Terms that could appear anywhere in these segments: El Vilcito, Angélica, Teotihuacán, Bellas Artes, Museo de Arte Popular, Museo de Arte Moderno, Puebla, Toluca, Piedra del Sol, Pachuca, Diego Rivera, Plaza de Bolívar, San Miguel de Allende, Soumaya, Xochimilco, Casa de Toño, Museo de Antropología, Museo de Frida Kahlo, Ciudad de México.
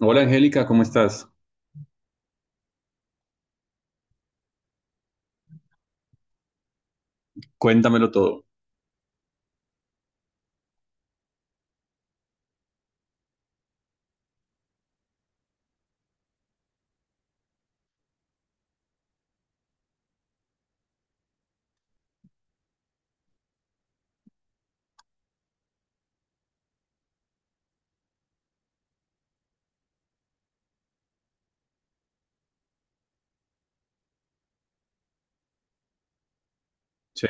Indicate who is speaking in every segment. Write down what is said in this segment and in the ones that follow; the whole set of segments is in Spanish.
Speaker 1: Hola Angélica, ¿cómo estás? Cuéntamelo todo. Sí.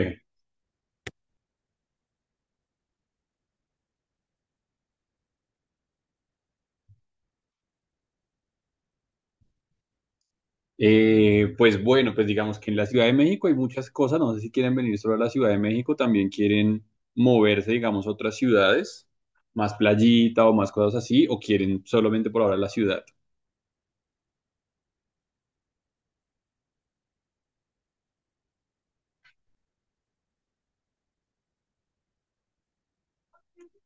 Speaker 1: Pues bueno, pues digamos que en la Ciudad de México hay muchas cosas. No sé si quieren venir solo a la Ciudad de México, también quieren moverse, digamos, a otras ciudades, más playita o más cosas así, o quieren solamente por ahora la ciudad.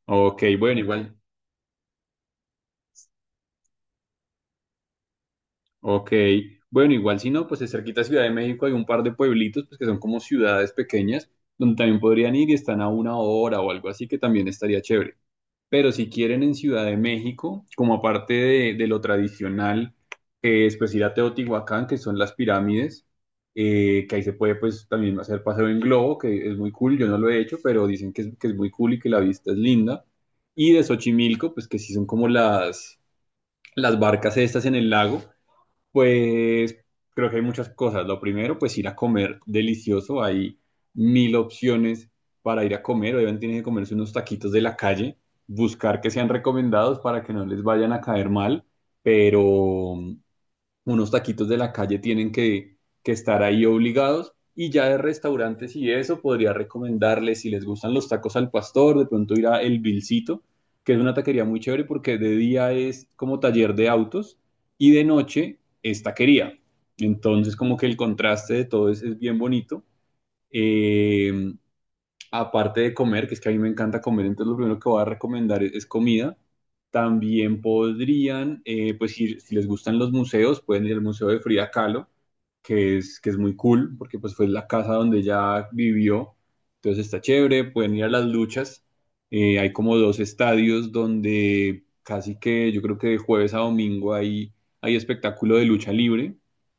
Speaker 1: Ok, bueno, igual. Ok, bueno, igual si no, pues de cerquita a Ciudad de México hay un par de pueblitos, pues que son como ciudades pequeñas, donde también podrían ir y están a una hora o algo así, que también estaría chévere. Pero si quieren en Ciudad de México, como aparte de, lo tradicional, que es pues ir a Teotihuacán, que son las pirámides, que ahí se puede pues también hacer paseo en globo, que es muy cool. Yo no lo he hecho, pero dicen que es, muy cool y que la vista es linda. Y de Xochimilco, pues que sí son como las, barcas estas en el lago. Pues creo que hay muchas cosas. Lo primero, pues ir a comer delicioso. Hay mil opciones para ir a comer. Obviamente tienen que comerse unos taquitos de la calle, buscar que sean recomendados para que no les vayan a caer mal, pero unos taquitos de la calle tienen que, estar ahí obligados. Y ya de restaurantes y eso, podría recomendarles, si les gustan los tacos al pastor, de pronto ir a El Vilcito, que es una taquería muy chévere porque de día es como taller de autos y de noche es taquería. Entonces, como que el contraste de todo es, bien bonito. Eh, Aparte de comer, que es que a mí me encanta comer, entonces lo primero que voy a recomendar es, comida. También podrían, pues ir, si les gustan los museos, pueden ir al Museo de Frida Kahlo, que es, muy cool, porque pues fue la casa donde ella vivió, entonces está chévere. Pueden ir a las luchas. Hay como dos estadios donde casi que yo creo que de jueves a domingo hay, espectáculo de lucha libre,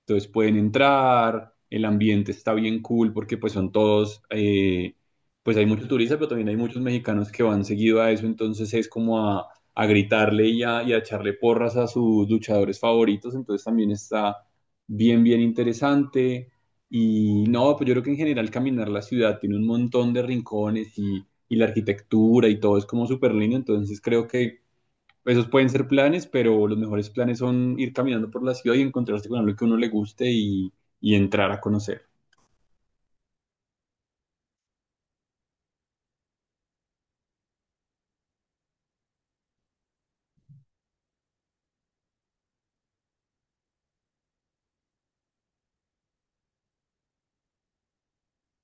Speaker 1: entonces pueden entrar. El ambiente está bien cool porque pues son todos. Pues hay muchos turistas, pero también hay muchos mexicanos que van seguido a eso, entonces es como a, gritarle y a, echarle porras a sus luchadores favoritos, entonces también está bien, bien interesante. Y no, pues yo creo que en general caminar la ciudad tiene un montón de rincones y, la arquitectura y todo es como súper lindo, entonces creo que esos pueden ser planes, pero los mejores planes son ir caminando por la ciudad y encontrarse con algo que a uno le guste y, entrar a conocer.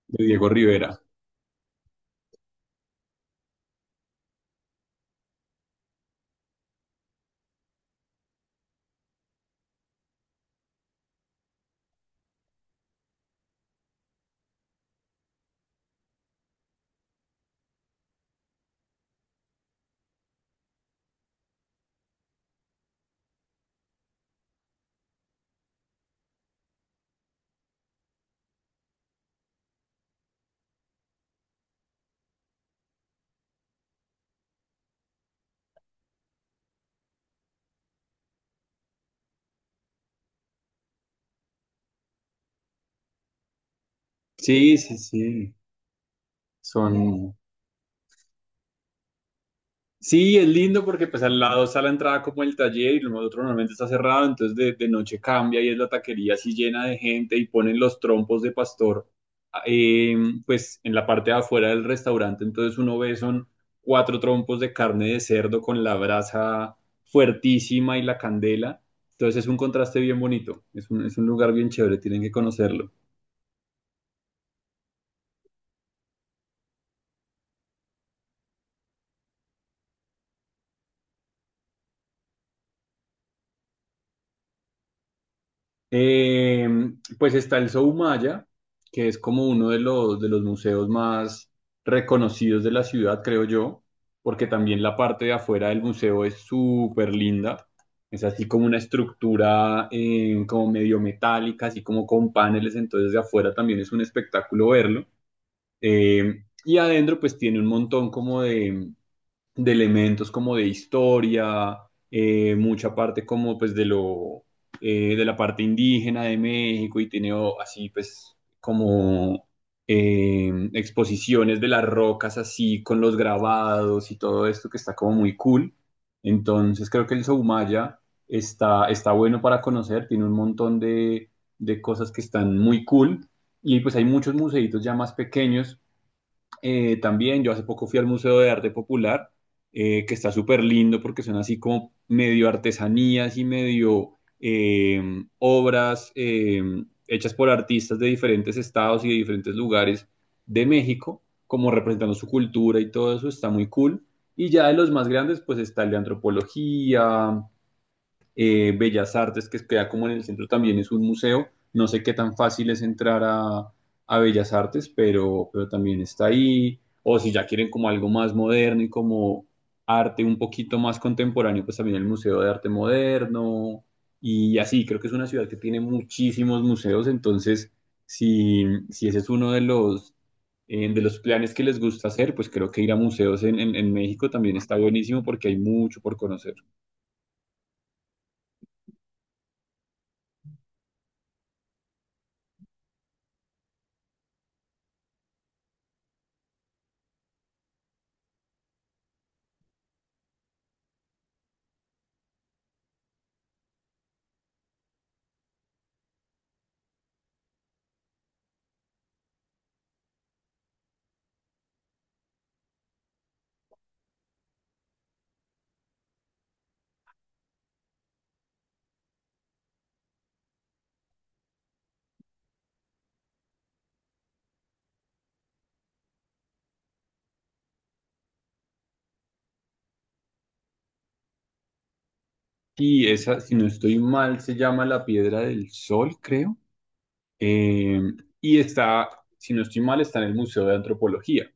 Speaker 1: De Diego Rivera. Sí, sí, sí. Son, Sí, es lindo porque pues al lado está la entrada como el taller y lo otro normalmente está cerrado, entonces de, noche cambia y es la taquería así llena de gente y ponen los trompos de pastor eh, pues en la parte de afuera del restaurante, entonces uno ve son cuatro trompos de carne de cerdo con la brasa fuertísima y la candela, entonces es un contraste bien bonito. Es un, lugar bien chévere, tienen que conocerlo. Eh, pues está el Soumaya, que es como uno de los, museos más reconocidos de la ciudad, creo yo, porque también la parte de afuera del museo es súper linda. Es así como una estructura como medio metálica, así como con paneles, entonces de afuera también es un espectáculo verlo. Y adentro pues tiene un montón como de, elementos como de historia, mucha parte como pues de la parte indígena de México, y tiene oh, así pues como exposiciones de las rocas así con los grabados y todo esto que está como muy cool. Entonces creo que el Soumaya está, bueno para conocer, tiene un montón de, cosas que están muy cool. Y pues hay muchos museitos ya más pequeños. También yo hace poco fui al Museo de Arte Popular, que está súper lindo porque son así como medio artesanías y medio obras hechas por artistas de diferentes estados y de diferentes lugares de México, como representando su cultura y todo eso. Está muy cool. Y ya de los más grandes, pues está el de antropología, Bellas Artes, que queda como en el centro, también es un museo. No sé qué tan fácil es entrar a, Bellas Artes, pero, también está ahí. O si ya quieren como algo más moderno y como arte un poquito más contemporáneo, pues también el Museo de Arte Moderno. Y así, creo que es una ciudad que tiene muchísimos museos, entonces si, ese es uno de los, planes que les gusta hacer, pues creo que ir a museos en, México también está buenísimo porque hay mucho por conocer. Y esa, si no estoy mal, se llama la Piedra del Sol, creo. Eh, y está, si no estoy mal, está en el Museo de Antropología,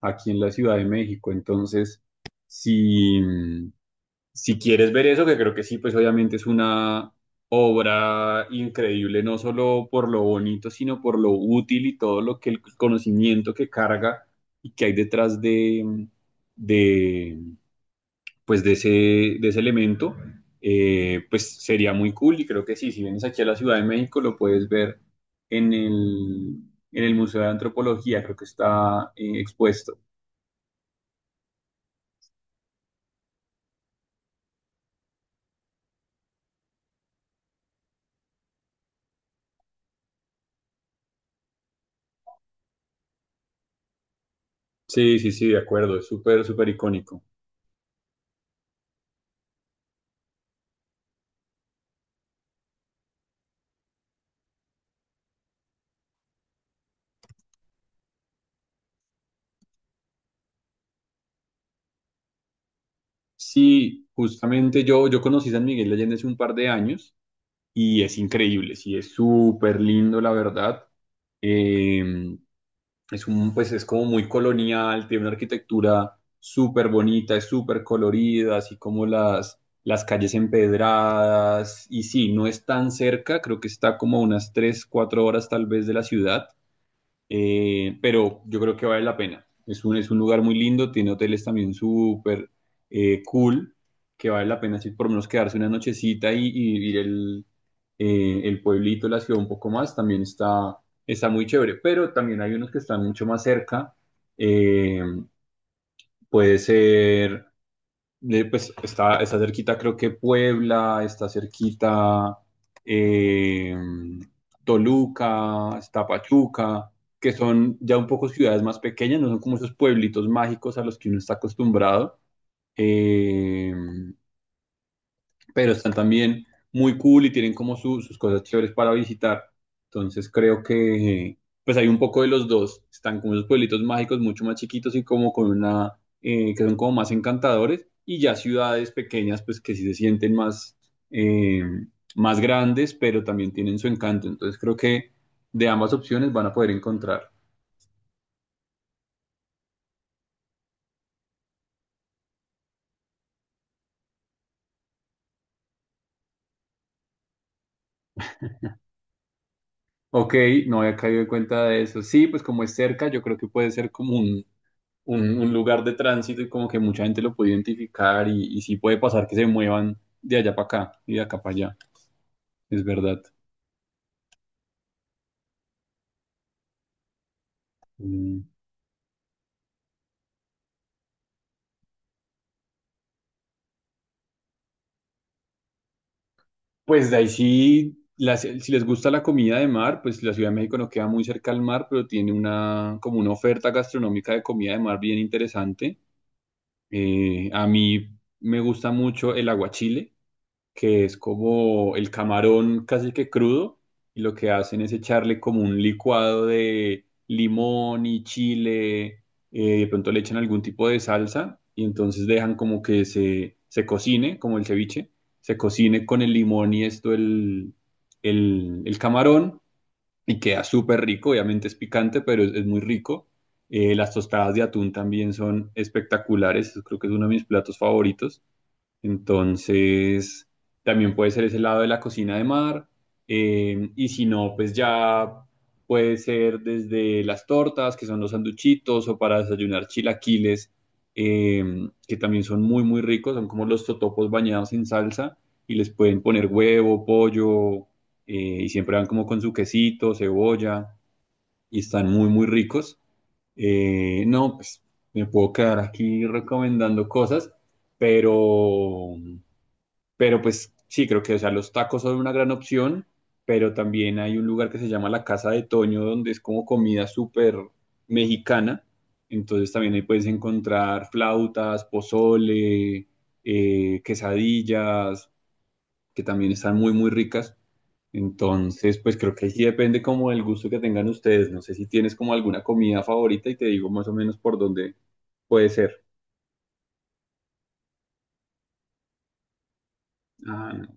Speaker 1: aquí en la Ciudad de México. Entonces, si, si quieres ver eso, que creo que sí, pues obviamente es una obra increíble, no solo por lo bonito, sino por lo útil y todo lo que el conocimiento que carga y que hay detrás de, de, pues de ese, elemento. Pues sería muy cool y creo que sí, si vienes aquí a la Ciudad de México lo puedes ver en el, Museo de Antropología, creo que está expuesto. Sí, sí, sí, de acuerdo, es súper, súper icónico. Sí, justamente yo, conocí San Miguel de Allende hace un par de años, y es increíble. Sí, es súper lindo, la verdad. Eh, pues es como muy colonial, tiene una arquitectura súper bonita, es súper colorida, así como las, calles empedradas. Y sí, no es tan cerca, creo que está como a unas 3-4 horas tal vez de la ciudad, pero yo creo que vale la pena. Es un, lugar muy lindo, tiene hoteles también súper cool, que vale la pena así por lo menos quedarse una nochecita y, vivir el, pueblito, la ciudad un poco más. También está, muy chévere. Pero también hay unos que están mucho más cerca. Eh, Puede ser pues está, cerquita, creo que Puebla, está cerquita, eh, Toluca, está Pachuca, que son ya un poco ciudades más pequeñas, no son como esos pueblitos mágicos a los que uno está acostumbrado. Eh, pero están también muy cool y tienen como sus cosas chéveres para visitar. Entonces creo que pues hay un poco de los dos. Están como esos pueblitos mágicos mucho más chiquitos y como que son como más encantadores, y ya ciudades pequeñas pues que sí se sienten más, eh, grandes, pero también tienen su encanto. Entonces creo que de ambas opciones van a poder encontrar. Ok, no había caído en cuenta de eso. Sí, pues como es cerca, yo creo que puede ser como un, lugar de tránsito, y como que mucha gente lo puede identificar y, sí puede pasar que se muevan de allá para acá y de acá para allá, es verdad. Mm. Pues de ahí sí, si les gusta la comida de mar, pues la Ciudad de México no queda muy cerca al mar, pero tiene como una oferta gastronómica de comida de mar bien interesante. A mí me gusta mucho el aguachile, que es como el camarón casi que crudo, y lo que hacen es echarle como un licuado de limón y chile, de pronto le echan algún tipo de salsa, y entonces dejan como que se, cocine, como el ceviche, se cocine con el limón y esto el, camarón, y queda súper rico. Obviamente es picante, pero es, muy rico. Las tostadas de atún también son espectaculares, creo que es uno de mis platos favoritos. Entonces, también puede ser ese lado de la cocina de mar. Y si no, pues ya puede ser desde las tortas, que son los sanduchitos, o para desayunar chilaquiles, eh, que también son muy, muy ricos. Son como los totopos bañados en salsa y les pueden poner huevo, pollo, y siempre van como con su quesito, cebolla, y están muy, muy ricos. No, pues me puedo quedar aquí recomendando cosas, pero... Pero pues sí, creo que, o sea, los tacos son una gran opción, pero también hay un lugar que se llama la Casa de Toño, donde es como comida súper mexicana. Entonces también ahí puedes encontrar flautas, pozole, quesadillas, que también están muy, muy ricas. Entonces, pues creo que ahí sí depende como del gusto que tengan ustedes. No sé si tienes como alguna comida favorita y te digo más o menos por dónde puede ser. Ah,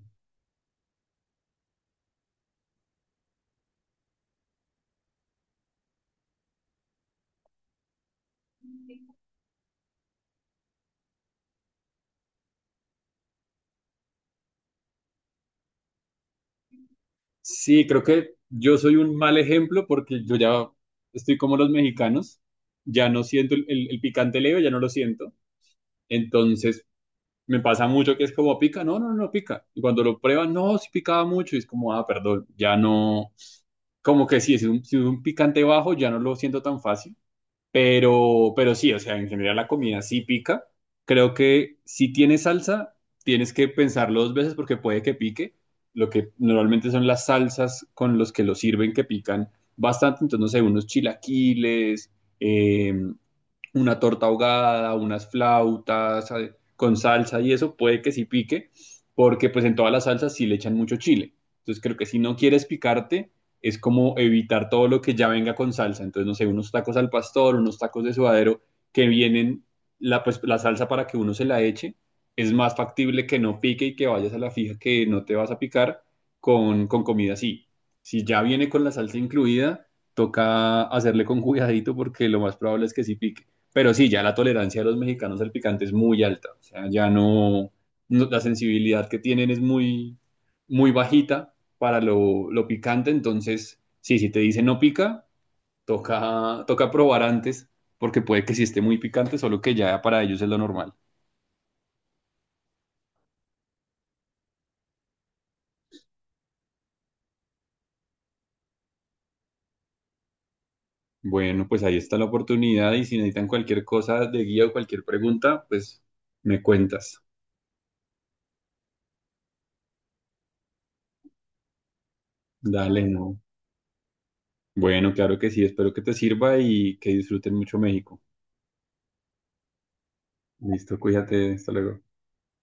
Speaker 1: sí, creo que yo soy un mal ejemplo porque yo ya estoy como los mexicanos, ya no siento el, picante leve, ya no lo siento. Entonces me pasa mucho que es como pica, no, no, no no, pica. Y cuando lo prueban, no, sí picaba mucho y es como, ah, perdón, ya no, como que sí, si es un, picante bajo, ya no lo siento tan fácil. Pero sí, o sea, en general la comida sí pica. Creo que si tienes salsa, tienes que pensarlo dos veces porque puede que pique. Lo que normalmente son las salsas con los que lo sirven que pican bastante. Entonces, no sé, unos chilaquiles, em, una torta ahogada, unas flautas con salsa y eso puede que sí pique, porque pues en todas las salsas sí le echan mucho chile. Entonces creo que si no quieres picarte, es como evitar todo lo que ya venga con salsa. Entonces, no sé, unos tacos al pastor, unos tacos de suadero que vienen la salsa para que uno se la eche, es más factible que no pique y que vayas a la fija que no te vas a picar con, comida así. Si ya viene con la salsa incluida, toca hacerle con cuidadito porque lo más probable es que sí pique. Pero sí, ya la tolerancia de los mexicanos al picante es muy alta. O sea, ya no, la sensibilidad que tienen es muy, muy bajita para lo, picante. Entonces, sí, si te dicen no pica, toca, probar antes, porque puede que sí esté muy picante, solo que ya para ellos es lo normal. Bueno, pues ahí está la oportunidad y si necesitan cualquier cosa de guía o cualquier pregunta, pues me cuentas. Dale, no. Bueno, claro que sí, espero que te sirva y que disfruten mucho México. Listo, cuídate, hasta luego.